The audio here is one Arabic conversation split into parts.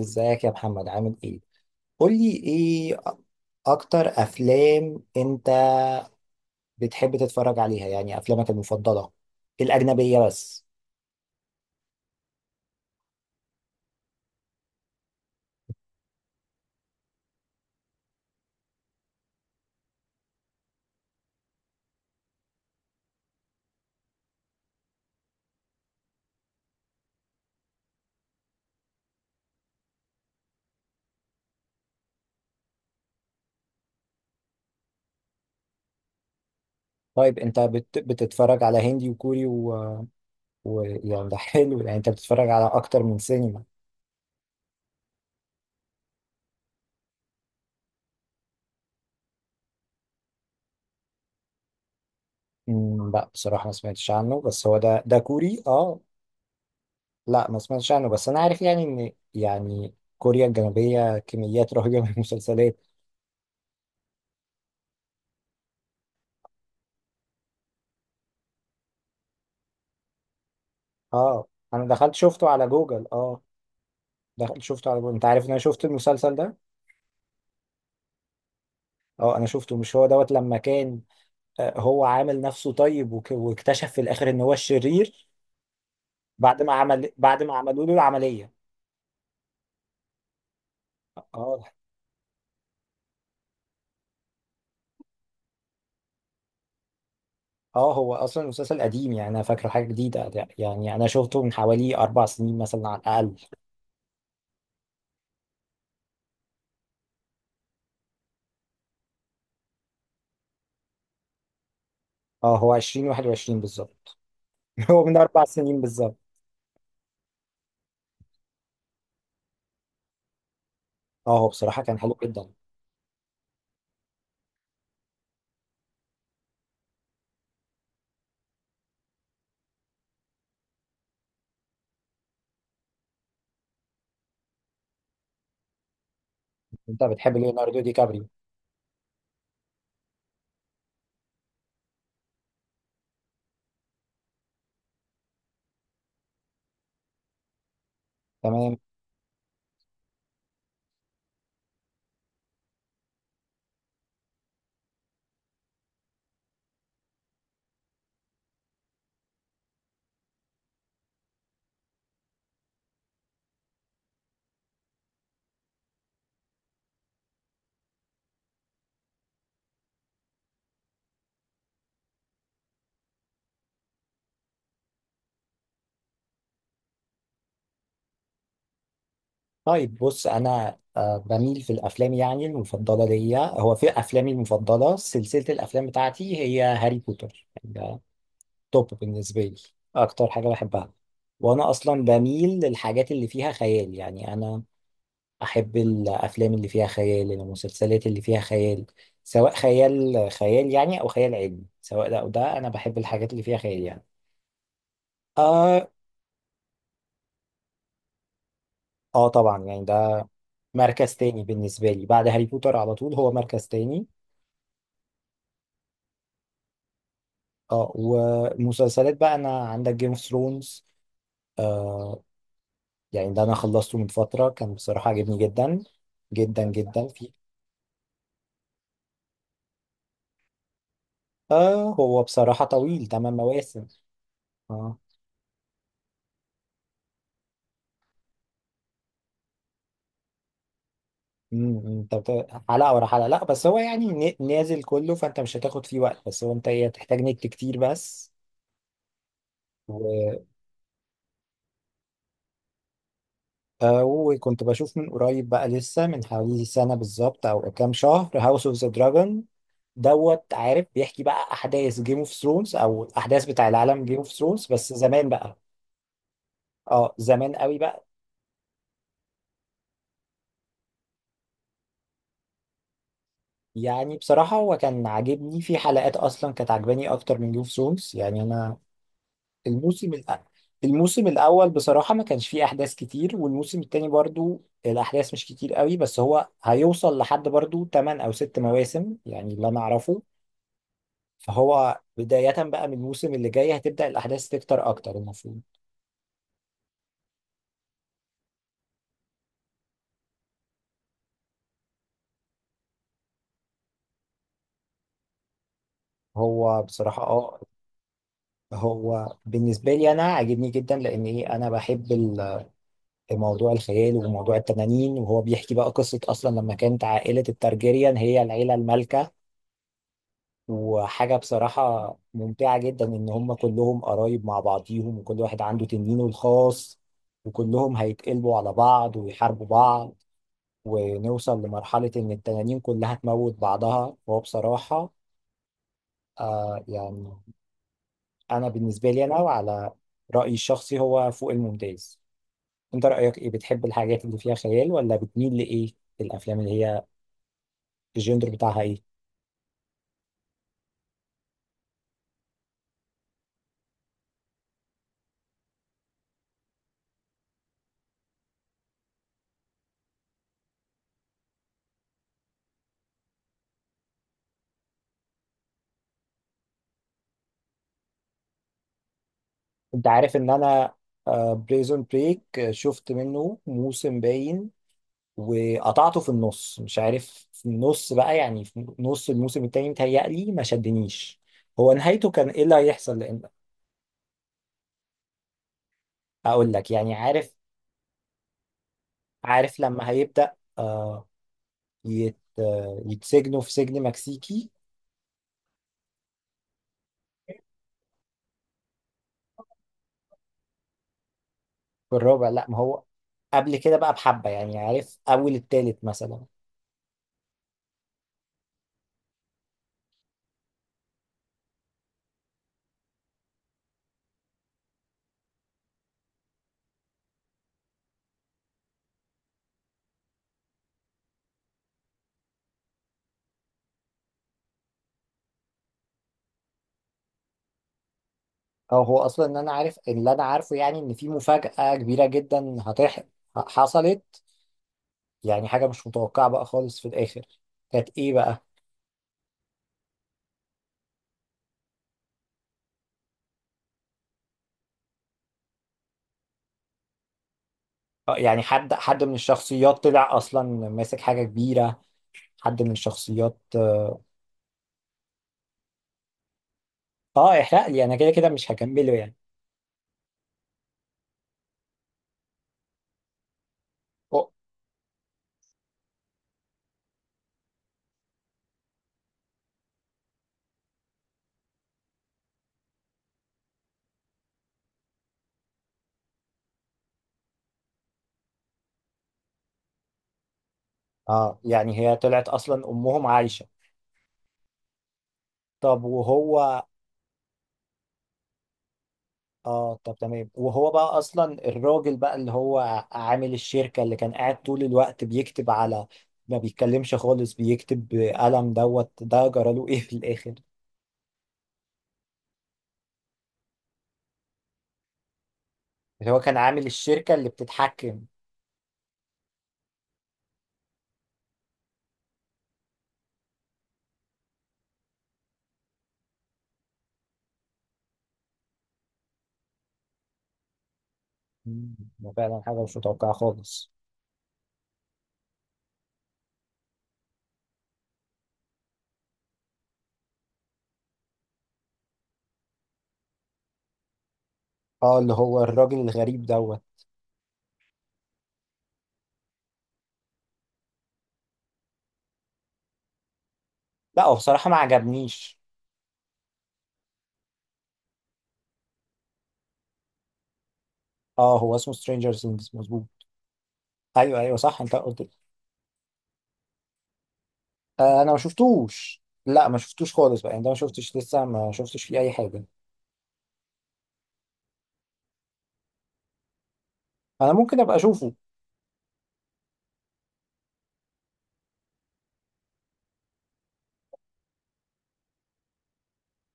ازيك يا محمد، عامل ايه؟ قولي ايه اكتر افلام انت بتحب تتفرج عليها؟ يعني افلامك المفضلة الاجنبية بس. طيب انت بتتفرج على هندي وكوري يعني ده حلو، يعني انت بتتفرج على اكتر من سينما. لا بصراحة ما سمعتش عنه، بس هو ده كوري؟ اه. لا ما سمعتش عنه، بس انا عارف يعني ان، يعني كوريا الجنوبية كميات رهيبة من المسلسلات. اه، انا دخلت شفته على جوجل. اه. دخل شفته على بول. انت عارف ان انا شفت المسلسل ده؟ اه، انا شفته. مش هو دوت لما كان هو عامل نفسه طيب واكتشف في الاخر ان هو الشرير؟ بعد ما عملوا له العملية. اه، اه، هو اصلا المسلسل قديم، يعني انا فاكره حاجة جديدة. يعني انا شفته من حوالي 4 سنين مثلا، على الاقل. اه، هو 2021 بالظبط. هو من 4 سنين بالظبط. اه، هو بصراحة كان حلو جدا. انت بتحب ليوناردو دي كابريو؟ تمام. طيب بص، انا بميل في الافلام، يعني المفضله ليا، هو في افلامي المفضله سلسله الافلام بتاعتي هي هاري بوتر، يعني ده توب بالنسبه لي، اكتر حاجه بحبها. وانا اصلا بميل للحاجات اللي فيها خيال، يعني انا احب الافلام اللي فيها خيال، المسلسلات اللي فيها خيال. سواء خيال خيال يعني، او خيال علمي، سواء ده او ده، انا بحب الحاجات اللي فيها خيال يعني. اه، اه، طبعا يعني ده مركز تاني بالنسبه لي، بعد هاري بوتر على طول هو مركز تاني. اه، ومسلسلات بقى، انا عندك جيم اوف ثرونز. آه يعني ده انا خلصته من فترة، كان بصراحة عجبني جدا جدا جدا فيه. هو بصراحة طويل، 8 مواسم. اه. انت حلقة ورا حلقة؟ لا بس هو يعني نازل كله، فانت مش هتاخد فيه وقت. بس هو انت ايه، هتحتاج نت كتير بس. و... آه وكنت بشوف من قريب بقى لسه، من حوالي سنة بالظبط او كام شهر، هاوس اوف ذا دراجون. دوت عارف بيحكي بقى احداث جيم اوف ثرونز، او الاحداث بتاع العالم جيم اوف ثرونز بس زمان بقى. اه، زمان قوي بقى. يعني بصراحة هو كان عاجبني، في حلقات اصلا كانت عاجباني اكتر من جيم اوف ثرونز يعني انا. الموسم الأ... الموسم الاول بصراحة ما كانش فيه احداث كتير، والموسم التاني برضو الاحداث مش كتير قوي، بس هو هيوصل لحد برضو 8 او 6 مواسم، يعني اللي انا اعرفه. فهو بداية بقى من الموسم اللي جاي هتبدأ الاحداث تكتر اكتر المفروض. هو بصراحة اه، هو بالنسبة لي أنا عاجبني جدا، لأن إيه أنا بحب موضوع الخيال وموضوع التنانين، وهو بيحكي بقى قصة أصلا لما كانت عائلة الترجيريان هي العيلة المالكة. وحاجة بصراحة ممتعة جدا إن هم كلهم قرايب مع بعضيهم، وكل واحد عنده تنينه الخاص. وكلهم هيتقلبوا على بعض ويحاربوا بعض، ونوصل لمرحلة إن التنانين كلها تموت بعضها. وهو بصراحة يعني أنا بالنسبة لي، أنا وعلى رأيي الشخصي هو فوق الممتاز. انت رأيك ايه؟ بتحب الحاجات اللي فيها خيال ولا بتميل لايه؟ في الافلام اللي هي الجندر بتاعها ايه؟ انت عارف ان انا بريزون بريك شفت منه موسم باين، وقطعته في النص، مش عارف في النص بقى يعني في نص الموسم التاني، متهيألي ما شدنيش. هو نهايته كان ايه اللي هيحصل؟ لان اقول لك يعني، عارف لما هيبدأ يتسجنوا في سجن مكسيكي؟ في الرابع؟ لا ما هو قبل كده بقى بحبة يعني، عارف؟ أول التالت مثلا. او هو اصلا ان انا عارف، اللي انا عارفه يعني ان في مفاجأة كبيرة جدا حصلت، يعني حاجة مش متوقعة بقى خالص في الاخر. كانت ايه بقى؟ يعني حد من الشخصيات طلع اصلا ماسك حاجة كبيرة، حد من الشخصيات. اه، احرق لي، انا كده كده مش هكمله يعني. أو- اه يعني هي طلعت اصلا امهم عايشة. طب وهو، اه، طب تمام، وهو بقى اصلا الراجل بقى اللي هو عامل الشركة، اللي كان قاعد طول الوقت بيكتب على، ما بيتكلمش خالص بيكتب بقلم دوت، ده جراله ايه في الاخر؟ اللي هو كان عامل الشركة اللي بتتحكم. مم، ده فعلا حاجة مش متوقعة خالص. اه، اللي هو الراجل الغريب دوت. لا هو بصراحة ما عجبنيش. اه هو اسمه سترينجر ثينجز مظبوط. ايوه، ايوه، صح، انت قلت لي. انا ما شفتوش، لا ما شفتوش خالص بقى، يعني ده ما شفتش لسه، ما شفتش فيه اي حاجة. انا ممكن ابقى اشوفه.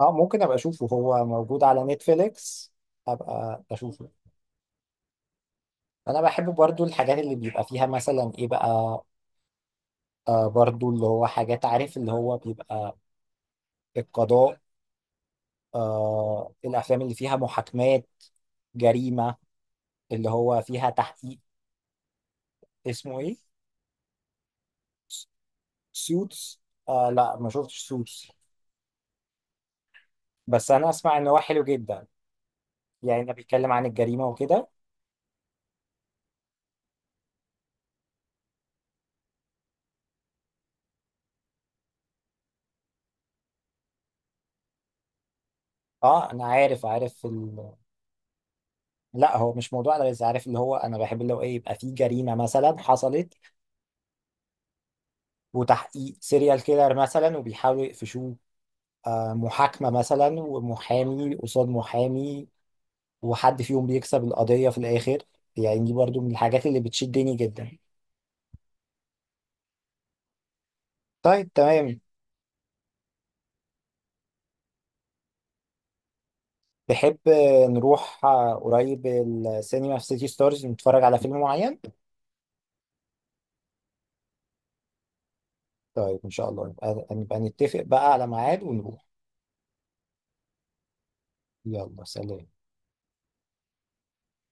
اه، ممكن ابقى اشوفه. هو موجود على نتفليكس؟ ابقى اشوفه. انا بحب برضو الحاجات اللي بيبقى فيها مثلا ايه بقى، برضو اللي هو حاجات، عارف اللي هو بيبقى القضاء، الافلام اللي فيها محاكمات، جريمة، اللي هو فيها تحقيق. اسمه ايه؟ سوتس. لا ما شفتش سوتس. بس انا اسمع ان هو حلو جدا. يعني ده بيتكلم عن الجريمة وكده. اه انا عارف. لا هو مش موضوع ده، بس عارف اللي هو انا بحب اللي هو ايه، يبقى فيه جريمة مثلا حصلت. وتحقيق سيريال كيلر مثلا، وبيحاولوا يقفشوه. محاكمة مثلا، ومحامي قصاد محامي، وحد فيهم بيكسب القضية في الآخر. يعني دي برضو من الحاجات اللي بتشدني جدا. طيب تمام. تحب نروح قريب السينما في سيتي ستارز نتفرج على فيلم معين؟ طيب إن شاء الله نبقى نتفق بقى على ميعاد ونروح. يلا، سلام.